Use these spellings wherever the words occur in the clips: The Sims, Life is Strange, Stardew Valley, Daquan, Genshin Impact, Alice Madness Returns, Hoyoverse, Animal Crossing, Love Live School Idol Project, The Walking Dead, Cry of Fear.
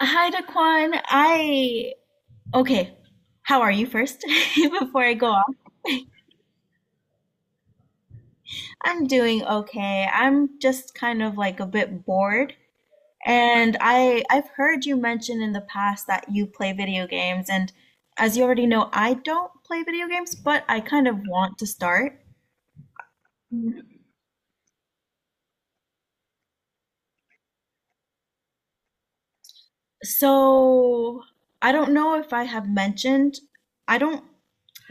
Hi, Daquan. I okay. How are you first? Before I go on, I'm doing okay. I'm just kind of like a bit bored, and I've heard you mention in the past that you play video games, and as you already know, I don't play video games, but I kind of want to start. So I don't know if I have mentioned. I don't.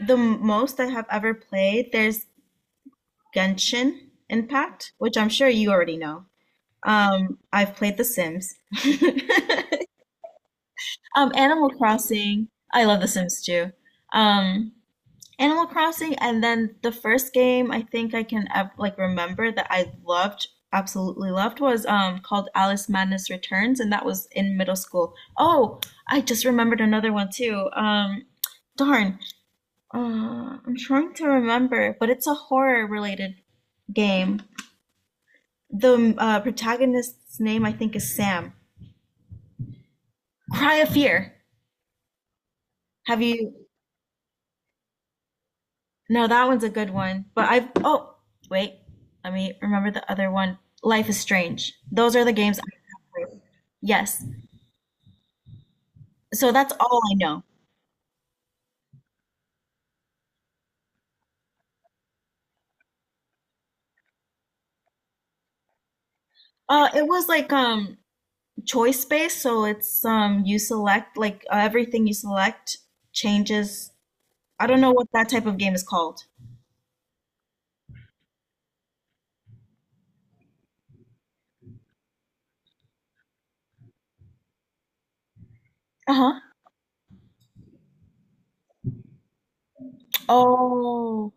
The most I have ever played, there's Genshin Impact, which I'm sure you already know. I've played The Sims. Animal Crossing. I love The Sims too. Um, Animal Crossing, and then the first game I think I can like remember that I loved, absolutely loved, was called Alice Madness Returns, and that was in middle school. Oh, I just remembered another one too. Darn, I'm trying to remember, but it's a horror related game. The protagonist's name I think is Sam. Cry of Fear. Have you? No, that one's a good one. But I've, oh, wait, let me remember the other one. Life is Strange. Those are the games I have played. Yes. So that's all I know. It was like choice based, so it's you select like everything you select changes. I don't know what that type of game is called. Uh-huh. Oh,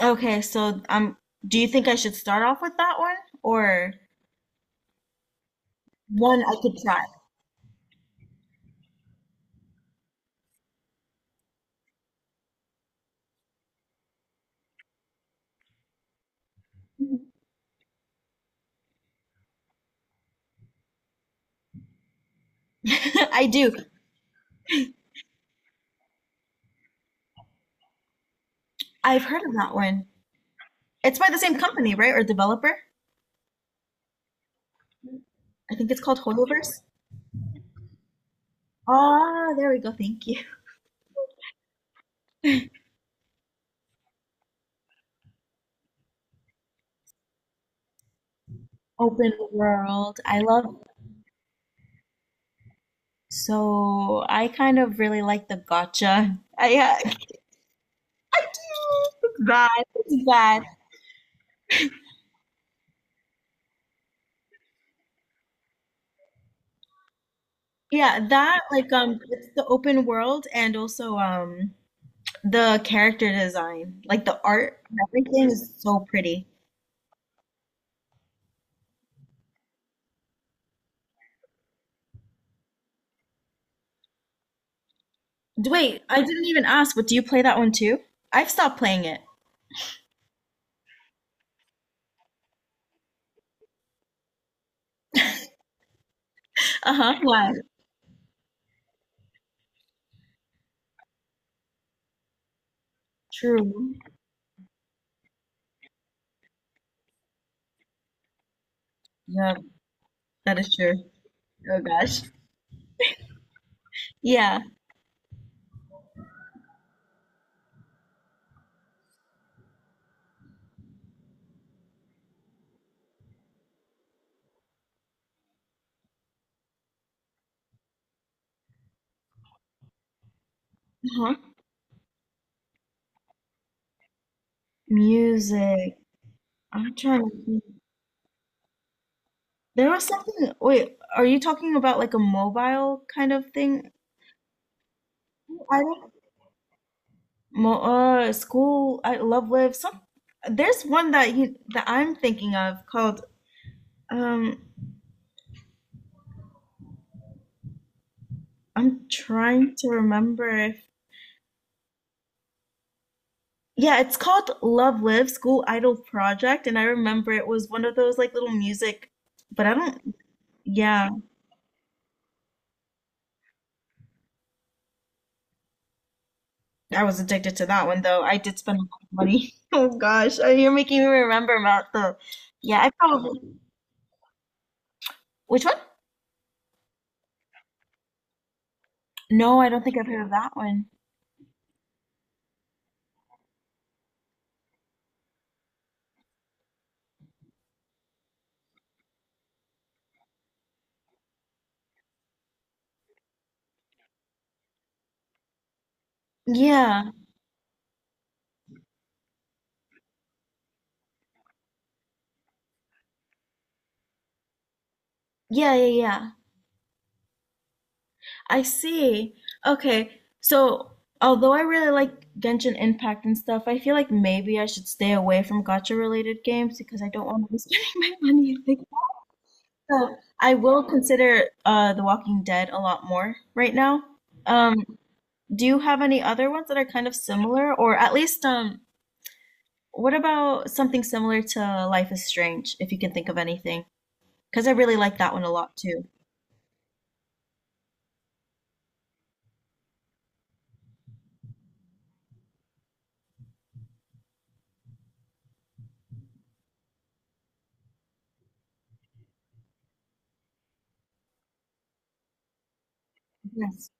okay. So do you think I should start off with that one or one I could try? I do. I've heard of that one. It's by the same company, right? Or developer? I think it's called Hoyoverse. Ah, there we go. Thank you. Open world. I love it. So I kind of really like the gotcha. I do. It's bad. It's bad. Yeah, that like it's the open world and also the character design. Like the art, everything is so pretty. Wait, I didn't even ask, but do you play that one too? I've stopped playing it. Uh-huh. Why? True. Yeah, that is true. Oh gosh. Yeah. Uh-huh. Music. I'm trying to think. There was something. Wait, are you talking about like a mobile kind of thing? I don't. Mo school. I love live. Some. There's one that you that I'm thinking of called. Um, I'm trying to remember if. Yeah, it's called Love Live School Idol Project, and I remember it was one of those like little music, but I don't. Yeah. I was addicted to that one though. I did spend a lot of money. Oh gosh, you're making me remember about the. Yeah, I probably. Which one? No, I don't think I've heard of that one. Yeah, yeah, yeah, yeah. I see. Okay, so although I really like Genshin Impact and stuff, I feel like maybe I should stay away from gacha related games because I don't want to be spending my money like that. So I will consider The Walking Dead a lot more right now. Um, Do you have any other ones that are kind of similar, or at least what about something similar to Life is Strange, if you can think of anything? Because I really like that one a lot too. Yes.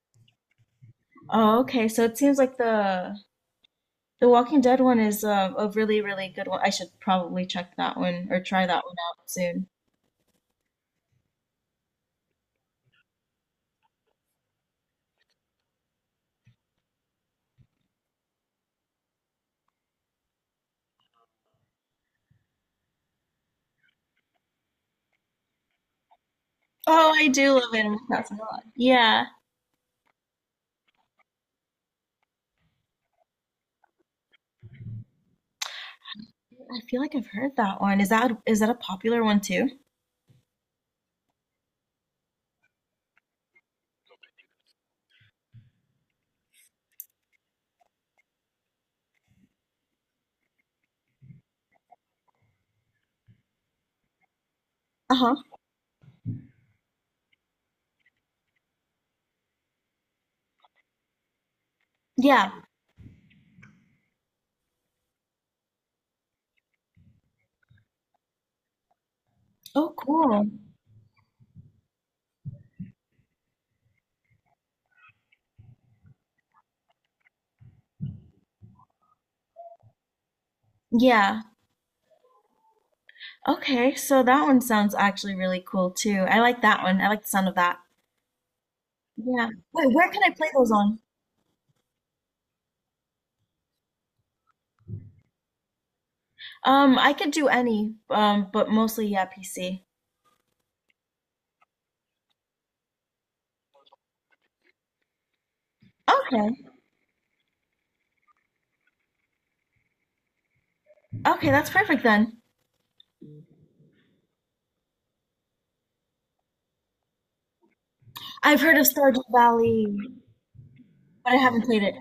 Oh, okay. So it seems like the Walking Dead one is a really, really good one. I should probably check that one or try that one out soon. Oh, I do love Animal Crossing a lot. Yeah. I feel like I've heard that one. Is that a popular one too? Uh-huh. Yeah. Oh, cool. Yeah. Okay, so that one sounds actually really cool too. I like that one. I like the sound of that. Yeah. Wait, where can I play those on? I could do any, but mostly yeah, PC. Okay. Okay, that's perfect then. I've heard of Stardew Valley, but I haven't played it.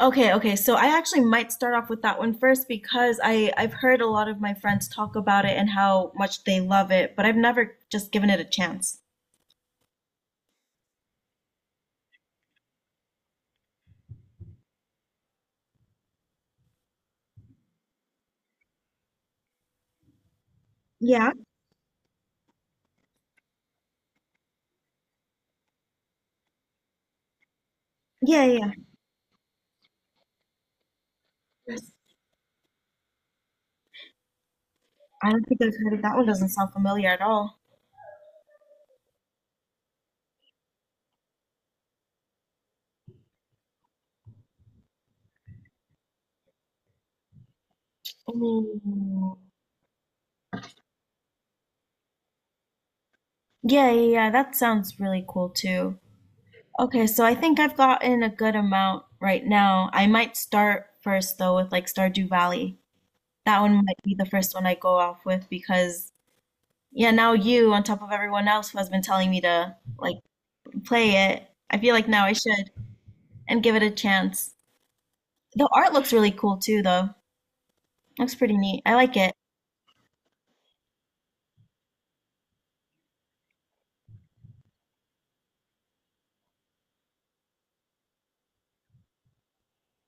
Okay, okay. So I actually might start off with that one first because I've heard a lot of my friends talk about it and how much they love it, but I've never just given it a chance. Yeah. Yeah, yeah. I don't think I've heard of that one. Doesn't sound familiar at all. Mm. Yeah, yeah, yeah, that sounds really cool too. Okay, so I think I've gotten a good amount right now. I might start first though with like Stardew Valley. That one might be the first one I go off with because yeah, now you on top of everyone else who has been telling me to like play it, I feel like now I should and give it a chance. The art looks really cool too though. Looks pretty neat. I like it.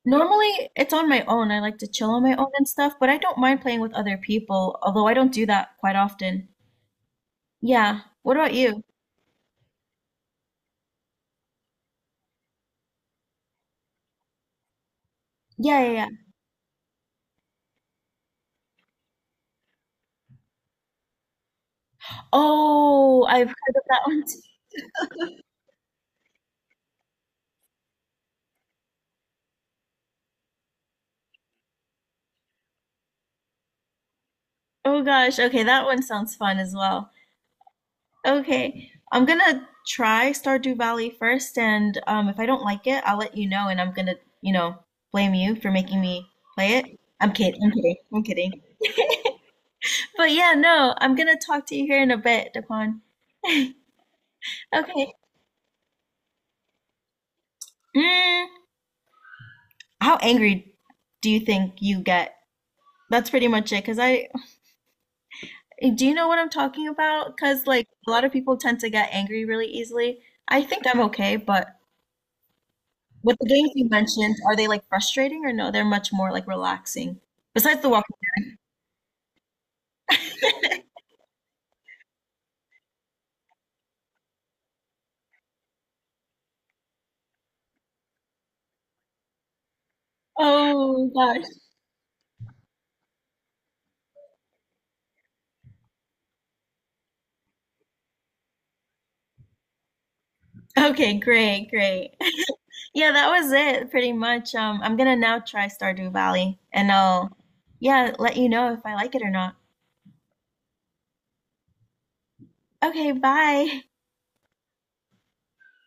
Normally, it's on my own. I like to chill on my own and stuff, but I don't mind playing with other people, although I don't do that quite often. Yeah. What about you? Yeah, yeah, yeah. Oh, I've heard of that one too. Oh gosh. Okay, that one sounds fun as well. Okay. I'm gonna try Stardew Valley first, and if I don't like it, I'll let you know, and I'm gonna, you know, blame you for making me play it. I'm kidding. I'm kidding. I'm kidding. But yeah, no, I'm gonna talk to you here in a bit, Daquan. Okay. Mm. How angry do you think you get? That's pretty much it. Cause I, do you know what I'm talking about? Cause like a lot of people tend to get angry really easily. I think I'm okay, but with the games you mentioned, are they like frustrating or no? They're much more like relaxing. Besides the walking. Oh gosh. Okay, great, great. Yeah, that was it pretty much. I'm gonna now try Stardew Valley and I'll, yeah, let you know if I like it or not. Okay, bye.